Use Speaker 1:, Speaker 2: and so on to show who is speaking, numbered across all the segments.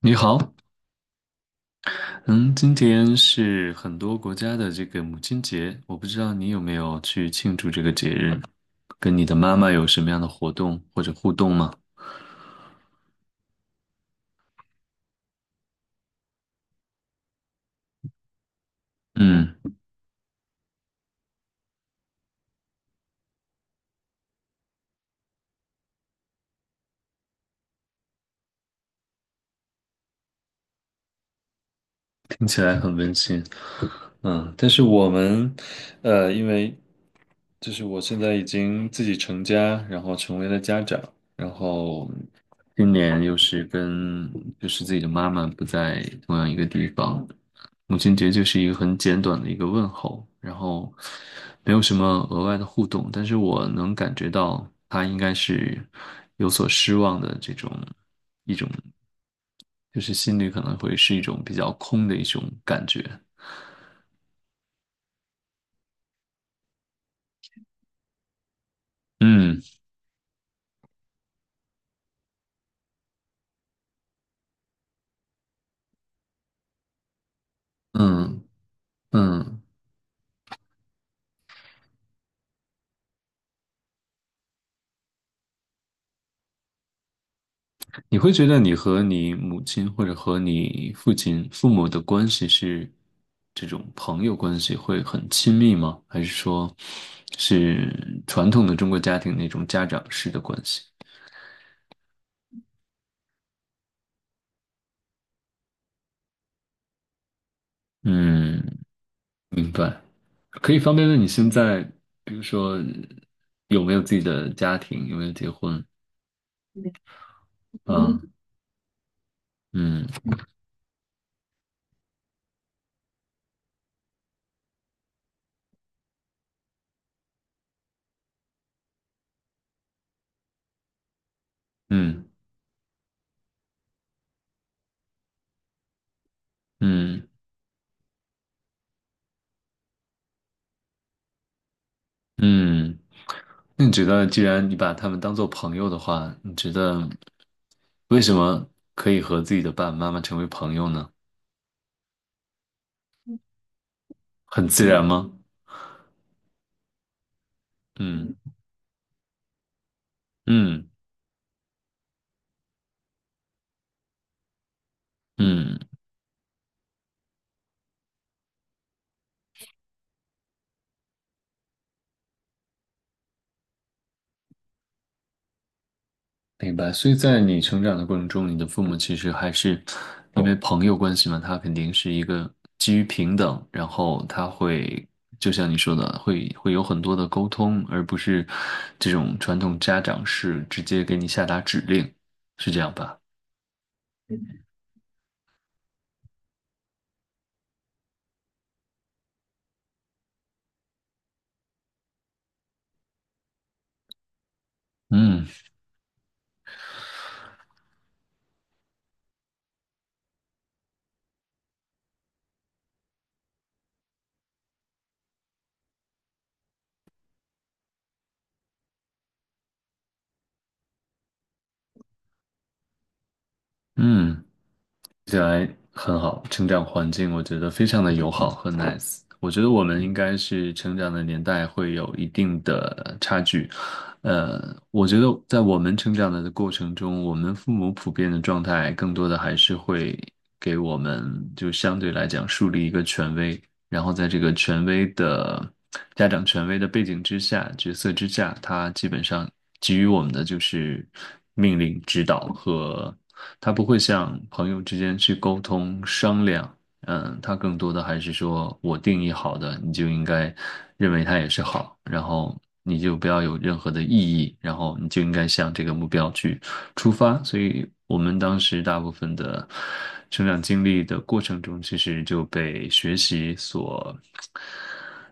Speaker 1: 你好。嗯，今天是很多国家的这个母亲节，我不知道你有没有去庆祝这个节日，跟你的妈妈有什么样的活动或者互动吗？嗯，听起来很温馨。嗯，但是我们，因为我现在已经自己成家，然后成为了家长，然后今年又是跟自己的妈妈不在同样一个地方，母亲节就是一个很简短的一个问候，然后没有什么额外的互动，但是我能感觉到她应该是有所失望的这种一种，就是心里可能会是一种比较空的一种感觉。嗯嗯嗯。你会觉得你和你母亲或者和你父亲、父母的关系是这种朋友关系会很亲密吗？还是说是传统的中国家庭那种家长式的关系？嗯，明白。可以方便问你现在，比如说有没有自己的家庭，有没有结婚？嗯，啊，嗯嗯嗯嗯。那你觉得，既然你把他们当做朋友的话，你觉得为什么可以和自己的爸爸妈妈成为朋友呢？很自然吗？嗯嗯嗯，明白。所以在你成长的过程中，你的父母其实还是因为朋友关系嘛，他肯定是一个基于平等，然后他会就像你说的，会有很多的沟通，而不是这种传统家长式直接给你下达指令，是这样吧？嗯嗯。起来很好，成长环境我觉得非常的友好和 nice。我觉得我们应该是成长的年代会有一定的差距。呃，我觉得在我们成长的过程中，我们父母普遍的状态更多的还是会给我们就相对来讲树立一个权威，然后在这个权威的家长权威的背景之下、角色之下，他基本上给予我们的就是命令、指导和他不会像朋友之间去沟通商量。嗯，他更多的还是说我定义好的，你就应该认为它也是好，然后你就不要有任何的异议，然后你就应该向这个目标去出发，所以我们当时大部分的成长经历的过程中，其实就被学习所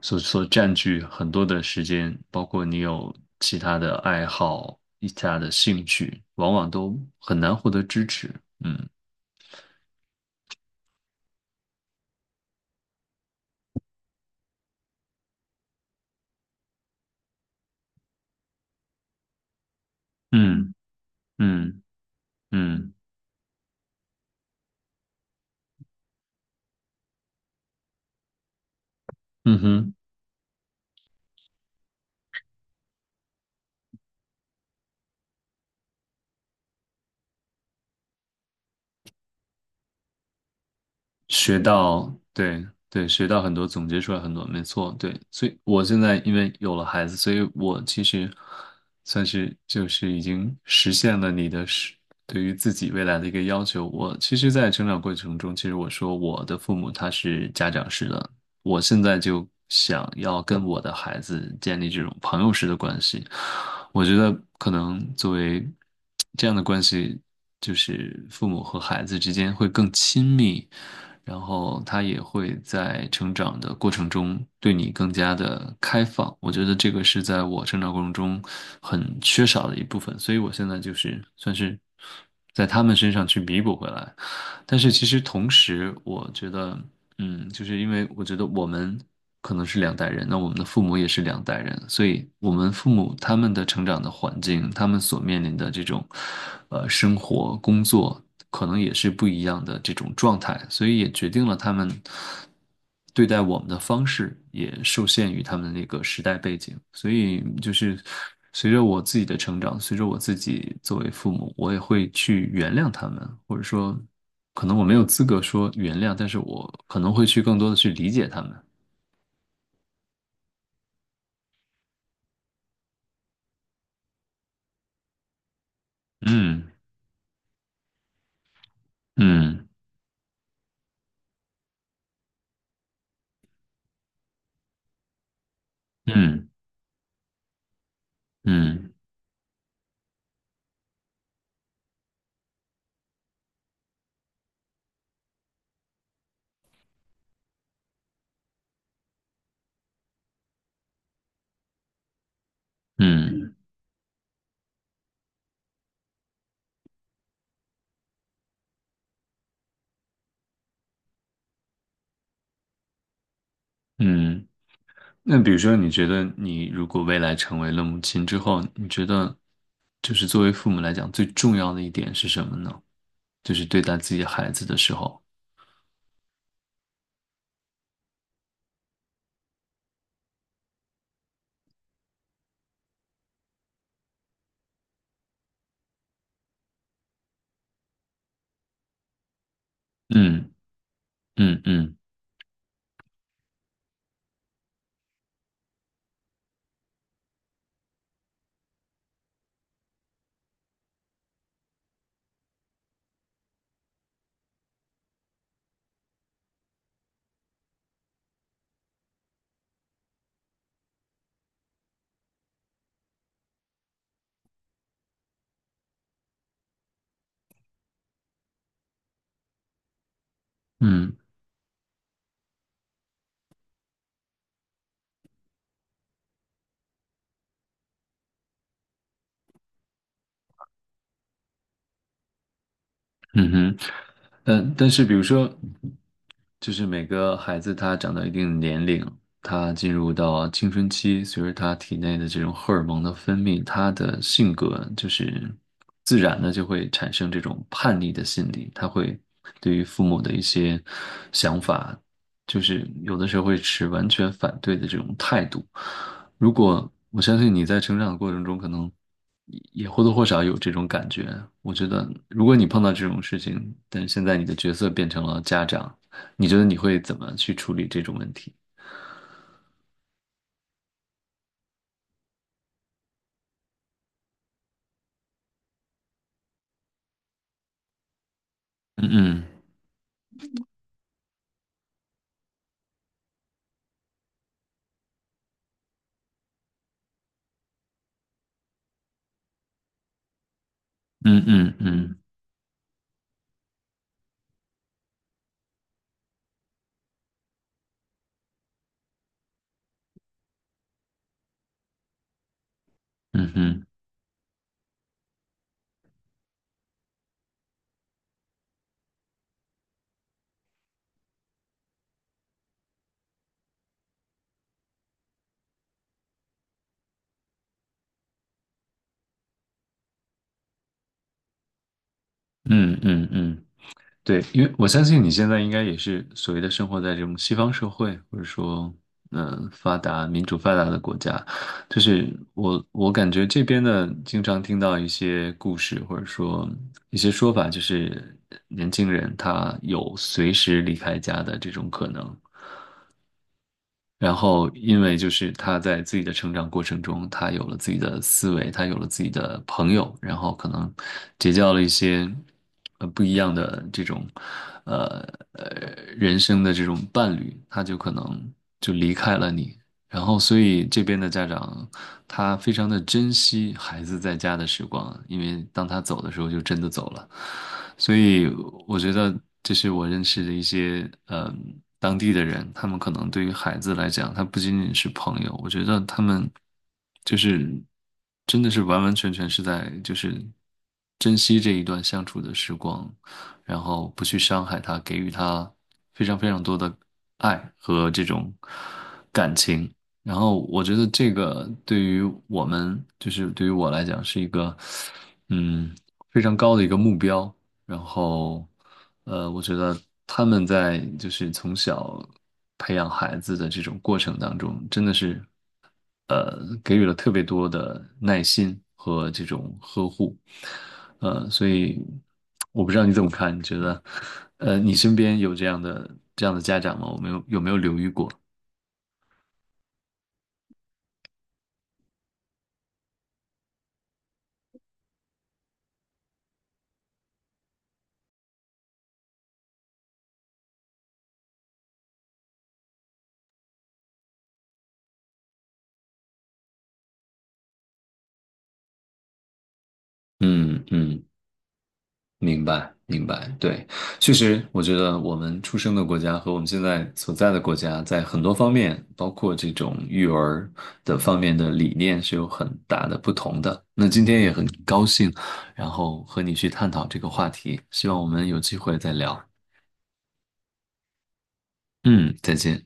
Speaker 1: 所所占据很多的时间，包括你有其他的爱好、其他的兴趣，往往都很难获得支持。嗯嗯嗯嗯嗯嗯哼。学到，对对，学到很多，总结出来很多，没错，对。所以我现在因为有了孩子，所以我其实算是就是已经实现了你的是对于自己未来的一个要求。我其实，在成长过程中，其实我说我的父母他是家长式的，我现在就想要跟我的孩子建立这种朋友式的关系。我觉得可能作为这样的关系，就是父母和孩子之间会更亲密，然后他也会在成长的过程中对你更加的开放。我觉得这个是在我成长过程中很缺少的一部分，所以我现在就是算是在他们身上去弥补回来。但是其实同时，我觉得。嗯，就是因为我觉得我们可能是两代人，那我们的父母也是两代人，所以我们父母他们的成长的环境，他们所面临的这种，生活、工作，可能也是不一样的这种状态，所以也决定了他们对待我们的方式也受限于他们的那个时代背景，所以就是随着我自己的成长，随着我自己作为父母，我也会去原谅他们，或者说，可能我没有资格说原谅，但是我可能会去更多的去理解他们。嗯嗯嗯嗯嗯嗯。那比如说，你觉得你如果未来成为了母亲之后，你觉得就是作为父母来讲，最重要的一点是什么呢？就是对待自己孩子的时候，嗯嗯嗯嗯嗯哼。嗯，但是比如说，就是每个孩子他长到一定年龄，他进入到青春期，随着他体内的这种荷尔蒙的分泌，他的性格就是自然的就会产生这种叛逆的心理，他会对于父母的一些想法，就是有的时候会持完全反对的这种态度。如果我相信你在成长的过程中，可能也或多或少有这种感觉。我觉得，如果你碰到这种事情，但是现在你的角色变成了家长。你觉得你会怎么去处理这种问题？嗯嗯嗯嗯嗯嗯嗯嗯嗯。对，因为我相信你现在应该也是所谓的生活在这种西方社会，或者说，嗯、发达、民主发达的国家，就是我感觉这边呢经常听到一些故事，或者说一些说法，就是年轻人他有随时离开家的这种可能。然后，因为就是他在自己的成长过程中，他有了自己的思维，他有了自己的朋友，然后可能结交了一些不一样的这种呃呃人生的这种伴侣，他就可能就离开了你。然后，所以这边的家长他非常的珍惜孩子在家的时光，因为当他走的时候就真的走了。所以我觉得这是我认识的一些嗯当地的人，他们可能对于孩子来讲，他不仅仅是朋友，我觉得他们就是真的是完完全全是在就是珍惜这一段相处的时光，然后不去伤害他，给予他非常非常多的爱和这种感情。然后我觉得这个对于我们，就是对于我来讲，是一个嗯非常高的一个目标。然后，我觉得他们在就是从小培养孩子的这种过程当中，真的是，给予了特别多的耐心和这种呵护。所以我不知道你怎么看，你觉得，你身边有这样的家长吗？我没有，有没有留意过？嗯嗯，明白，明白，对，确实，我觉得我们出生的国家和我们现在所在的国家，在很多方面，包括这种育儿的方面的理念是有很大的不同的。那今天也很高兴，然后和你去探讨这个话题，希望我们有机会再聊。嗯，再见。